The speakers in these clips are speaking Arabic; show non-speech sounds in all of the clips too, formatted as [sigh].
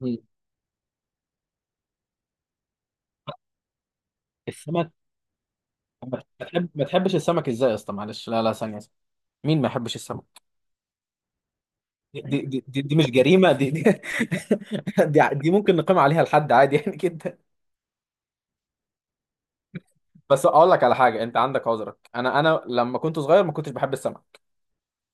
مم. السمك، ما تحب... ما تحبش السمك ازاي يا اسطى؟ معلش، لا لا ثانيه ثانية. مين ما يحبش السمك؟ دي مش جريمه، [laughs] دي ممكن نقيم عليها لحد عادي يعني كده. بس اقول لك على حاجه، انت عندك عذرك، انا لما كنت صغير ما كنتش بحب السمك.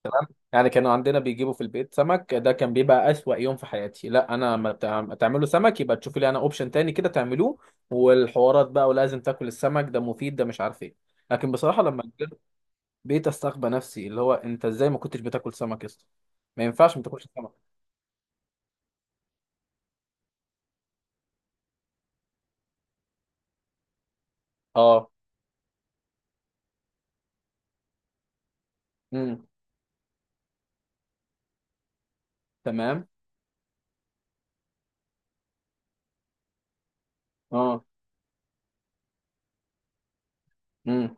تمام، يعني كانوا عندنا بيجيبوا في البيت سمك، ده كان بيبقى اسوأ يوم في حياتي. لا انا ما تعملوا سمك، يبقى تشوفي لي انا اوبشن تاني كده تعملوه. والحوارات بقى، ولازم تاكل السمك ده مفيد، ده مش عارف ايه. لكن بصراحه لما بقيت استغبى نفسي، اللي هو انت ازاي ما كنتش بتاكل سمك يا اسطى؟ ما ينفعش ما تاكلش سمك. اه. امم. تمام. اه. امم.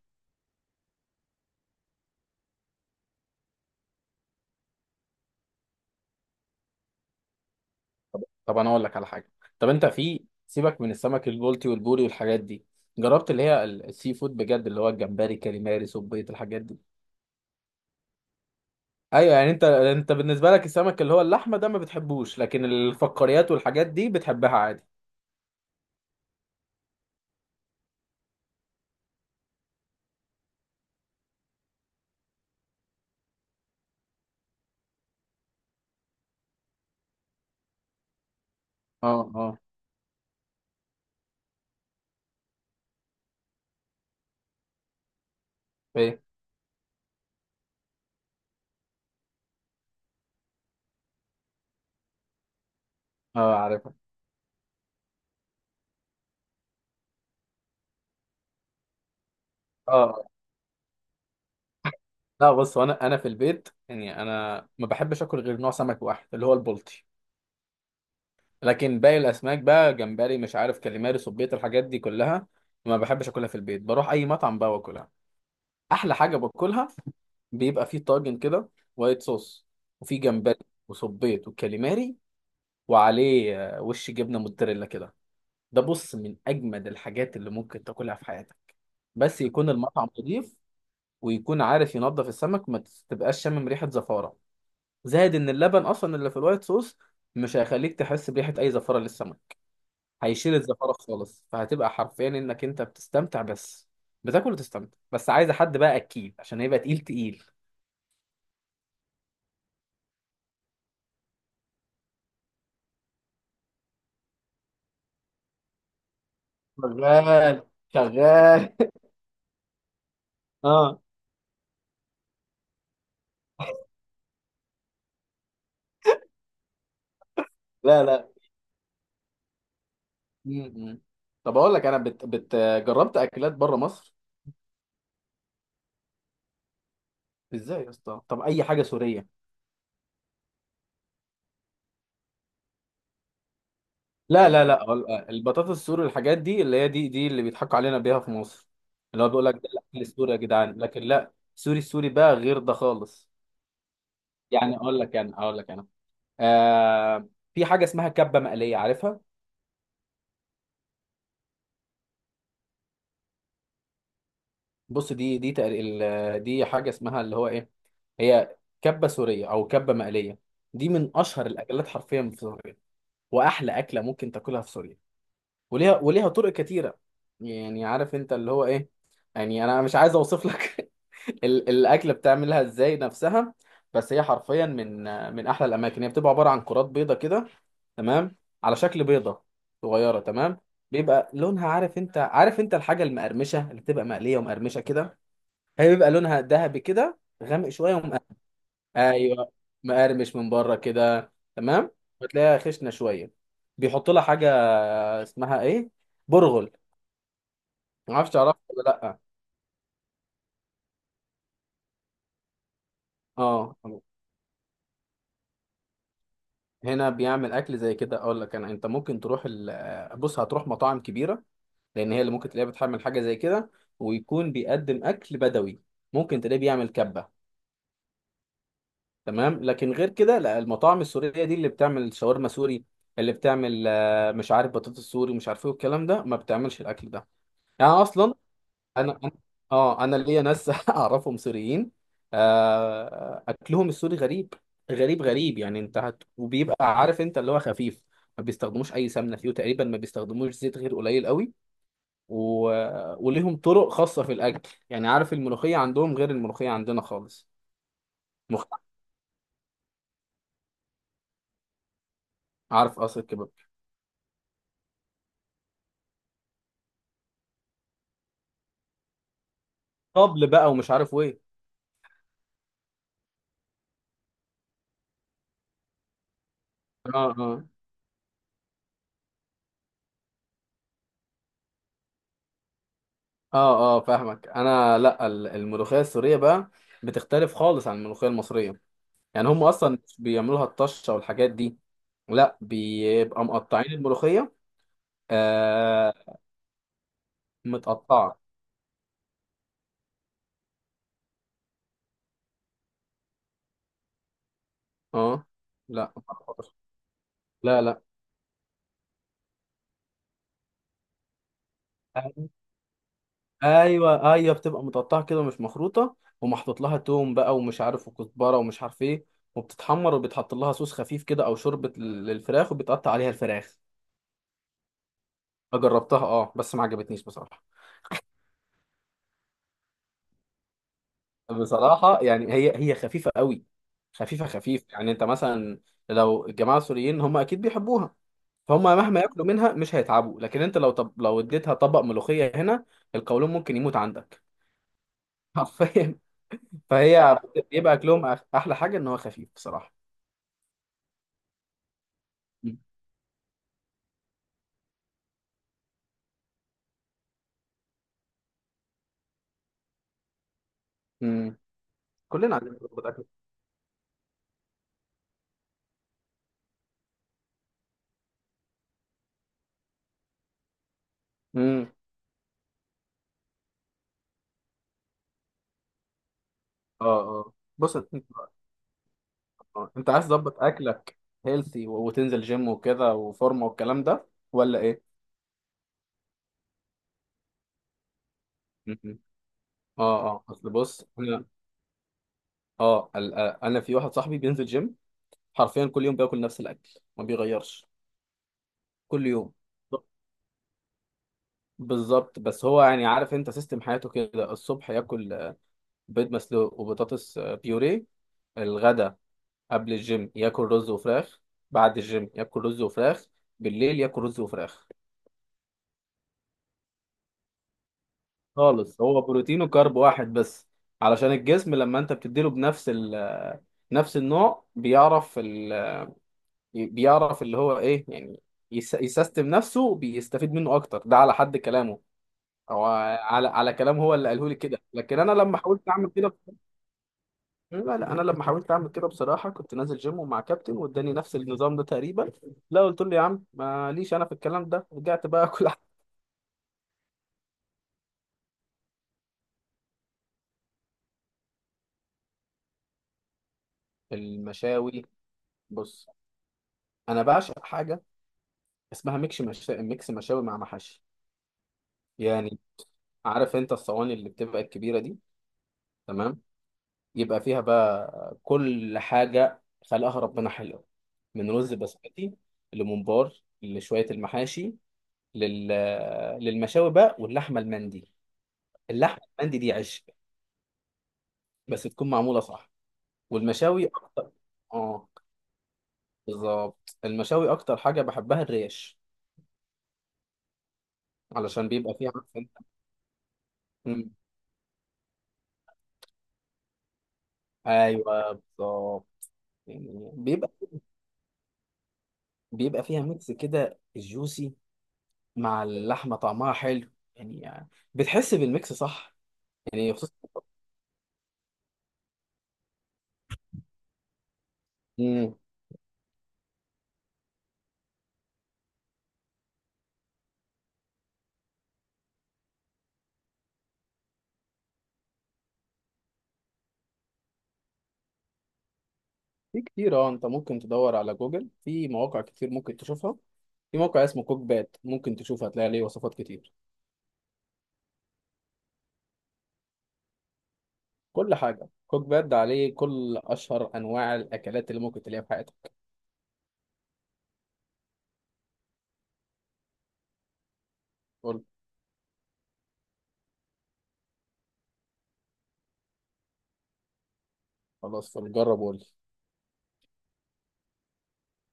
طب انا اقول لك على حاجه. طب انت في، سيبك من السمك البلطي والبوري والحاجات دي، جربت السي فود بجد، اللي هو الجمبري، كاليماري، صبيط، الحاجات دي؟ ايوه يعني، انت بالنسبه لك السمك اللي هو اللحمه ده ما بتحبوش، لكن الفقاريات والحاجات دي بتحبها عادي. اه اه. ايه. اه، عارفها. اه. لا بص، انا في البيت يعني، انا ما بحبش اكل غير نوع سمك واحد اللي هو البلطي. لكن باقي الاسماك بقى، جمبري، مش عارف، كاليماري، صبيط، الحاجات دي كلها ما بحبش اكلها في البيت. بروح اي مطعم بقى واكلها. احلى حاجه باكلها، بيبقى فيه طاجن كده، وايت صوص، وفيه جمبري، وصبيط، وكاليماري، وعليه آه، وش جبنه موتزاريلا كده. ده بص من اجمد الحاجات اللي ممكن تاكلها في حياتك. بس يكون المطعم نضيف، ويكون عارف ينظف السمك، ما تبقاش شامم ريحه زفاره. زائد ان اللبن اصلا اللي في الوايت صوص مش هيخليك تحس بريحه اي زفاره للسمك. هيشيل الزفارة خالص، فهتبقى حرفيا انك انت بتستمتع بس، بتاكل وتستمتع بس. عايزة حد بقى اكيد، عشان هيبقى تقيل تقيل. شغال شغال. [laughs] اه. لا لا. م- م. طب اقول لك، جربت اكلات بره مصر. ازاي يا اسطى؟ طب اي حاجه سوريه. لا، البطاطس السوري الحاجات دي اللي هي، دي اللي بيضحكوا علينا بيها في مصر. اللي هو بيقول لك ده الاكل السوري يا جدعان، لكن لا، سوري، السوري بقى غير ده خالص. يعني اقول لك انا، اقول لك انا. آه. في حاجه اسمها كبه مقليه، عارفها؟ بص دي دي حاجه اسمها اللي هو ايه، هي كبه سوريه او كبه مقليه. دي من اشهر الاكلات حرفيا في سوريا، واحلى اكله ممكن تاكلها في سوريا. وليها، وليها طرق كتيره. يعني عارف انت اللي هو ايه، يعني انا مش عايز اوصف لك [laughs] الاكله بتعملها ازاي نفسها. بس هي حرفيا من، من احلى الاماكن. هي بتبقى عباره عن كرات بيضه كده، تمام، على شكل بيضه صغيره. تمام. بيبقى لونها، عارف انت، عارف انت الحاجه المقرمشه اللي بتبقى مقليه ومقرمشه كده، هي بيبقى لونها ذهبي كده، غامق شويه، ومقرمش. ايوه، مقرمش من بره كده. تمام. وتلاقيها خشنه شويه. بيحط لها حاجه اسمها ايه، برغل. ما اعرفش تعرفها ولا لا. اه. هنا بيعمل اكل زي كده، اقول لك انا، انت ممكن تروح ال... بص هتروح مطاعم كبيره، لان هي اللي ممكن تلاقيها بتحمل حاجه زي كده، ويكون بيقدم اكل بدوي، ممكن تلاقيه بيعمل كبه. تمام. لكن غير كده لا، المطاعم السوريه دي اللي بتعمل شاورما سوري، اللي بتعمل آه، مش عارف بطاطس سوري، مش عارف ايه والكلام ده، ما بتعملش الاكل ده يعني اصلا. انا أنا- اه، انا ليا ناس [laughs] اعرفهم سوريين. آه، اكلهم السوري غريب، غريب، غريب. يعني انت هت... وبيبقى عارف انت اللي هو خفيف. ما بيستخدموش اي سمنه فيه، وتقريبا ما بيستخدموش زيت غير قليل قوي. و... وليهم طرق خاصة في الأكل. يعني عارف الملوخية عندهم غير الملوخية عندنا خالص. مخ... عارف قصر الكباب، طبل بقى ومش عارف ايه. اه اه. اه اه فاهمك انا. لا الملوخية السورية بقى بتختلف خالص عن الملوخية المصرية. يعني هم اصلا مش بيعملوها الطشة والحاجات دي، لا بيبقى مقطعين الملوخية. آه، متقطعة. اه. لا لا لا. ايوه ايوه، بتبقى متقطعه كده، مش مخروطه، ومحطوط لها توم بقى ومش عارف، وكزبره ومش عارف ايه، وبتتحمر، وبيتحط لها صوص خفيف كده، او شوربه للفراخ، وبيتقطع عليها الفراخ. جربتها اه بس ما عجبتنيش بصراحه. بصراحه يعني هي، هي خفيفه قوي، خفيفه خفيف. يعني انت مثلا، لو الجماعه السوريين هم اكيد بيحبوها، فهم مهما ياكلوا منها مش هيتعبوا. لكن انت لو، طب لو اديتها طبق ملوخيه هنا، القولون ممكن يموت عندك [laughs] حرفيا. فهي بيبقى اكلهم احلى حاجه ان هو خفيف بصراحه. امم. كلنا عايزين نظبط اكل. امم. اه اه، بص انت. آه. انت عايز تظبط اكلك هيلثي، وتنزل جيم وكده، وفورمه والكلام ده، ولا ايه؟ أمم. اه اه، اصل بص انا. اه آه، انا في واحد صاحبي بينزل جيم، حرفيا كل يوم بياكل نفس الاكل، ما بيغيرش، كل يوم. بالظبط. بس هو يعني عارف انت سيستم حياته كده، الصبح ياكل آه، بيض مسلوق وبطاطس آه، بيوريه. الغدا قبل الجيم ياكل رز وفراخ، بعد الجيم ياكل رز وفراخ، بالليل ياكل رز وفراخ. خالص، هو بروتين وكارب واحد بس، علشان الجسم لما انت بتديله بنفس ال آه، نفس النوع، بيعرف اللي هو ايه يعني، يسيستم نفسه بيستفيد منه اكتر، ده على حد كلامه، او على على كلام هو اللي قاله لي كده. لكن انا لما حاولت اعمل كده، لا لا، انا لما حاولت اعمل كده بصراحه، كنت نازل جيم ومع كابتن واداني نفس النظام ده تقريبا، لا قلت له يا عم ماليش انا في الكلام ده، رجعت بقى اكل. [laughs] المشاوي. بص انا بعشق حاجه اسمها ميكس مشاوي مع محاشي. يعني عارف انت الصواني اللي بتبقى الكبيره دي؟ تمام. يبقى فيها بقى كل حاجه خلقها ربنا حلوه، من رز بسمتي، لممبار، لشويه المحاشي، لل... للمشاوي بقى، واللحمه المندي. اللحمه المندي دي عش، بس تكون معمولة صح. والمشاوي أكتر. اه بالظبط، المشاوي أكتر حاجة بحبها الريش، علشان بيبقى فيها عارف أنت. مم. أيوه بالظبط. يعني بيبقى، بيبقى فيها ميكس كده جوسي، مع اللحمة طعمها حلو، يعني بتحس بالميكس صح. يعني خصوصا. مم. في كتير اه، أنت ممكن تدور على جوجل في مواقع كتير ممكن تشوفها. في موقع اسمه كوك بات ممكن تشوف، هتلاقي عليه وصفات كتير. كل حاجة كوك باد عليه، كل أشهر أنواع الأكلات اللي ممكن تلاقيها في حياتك. قول. خلاص طب جرب وقول لي.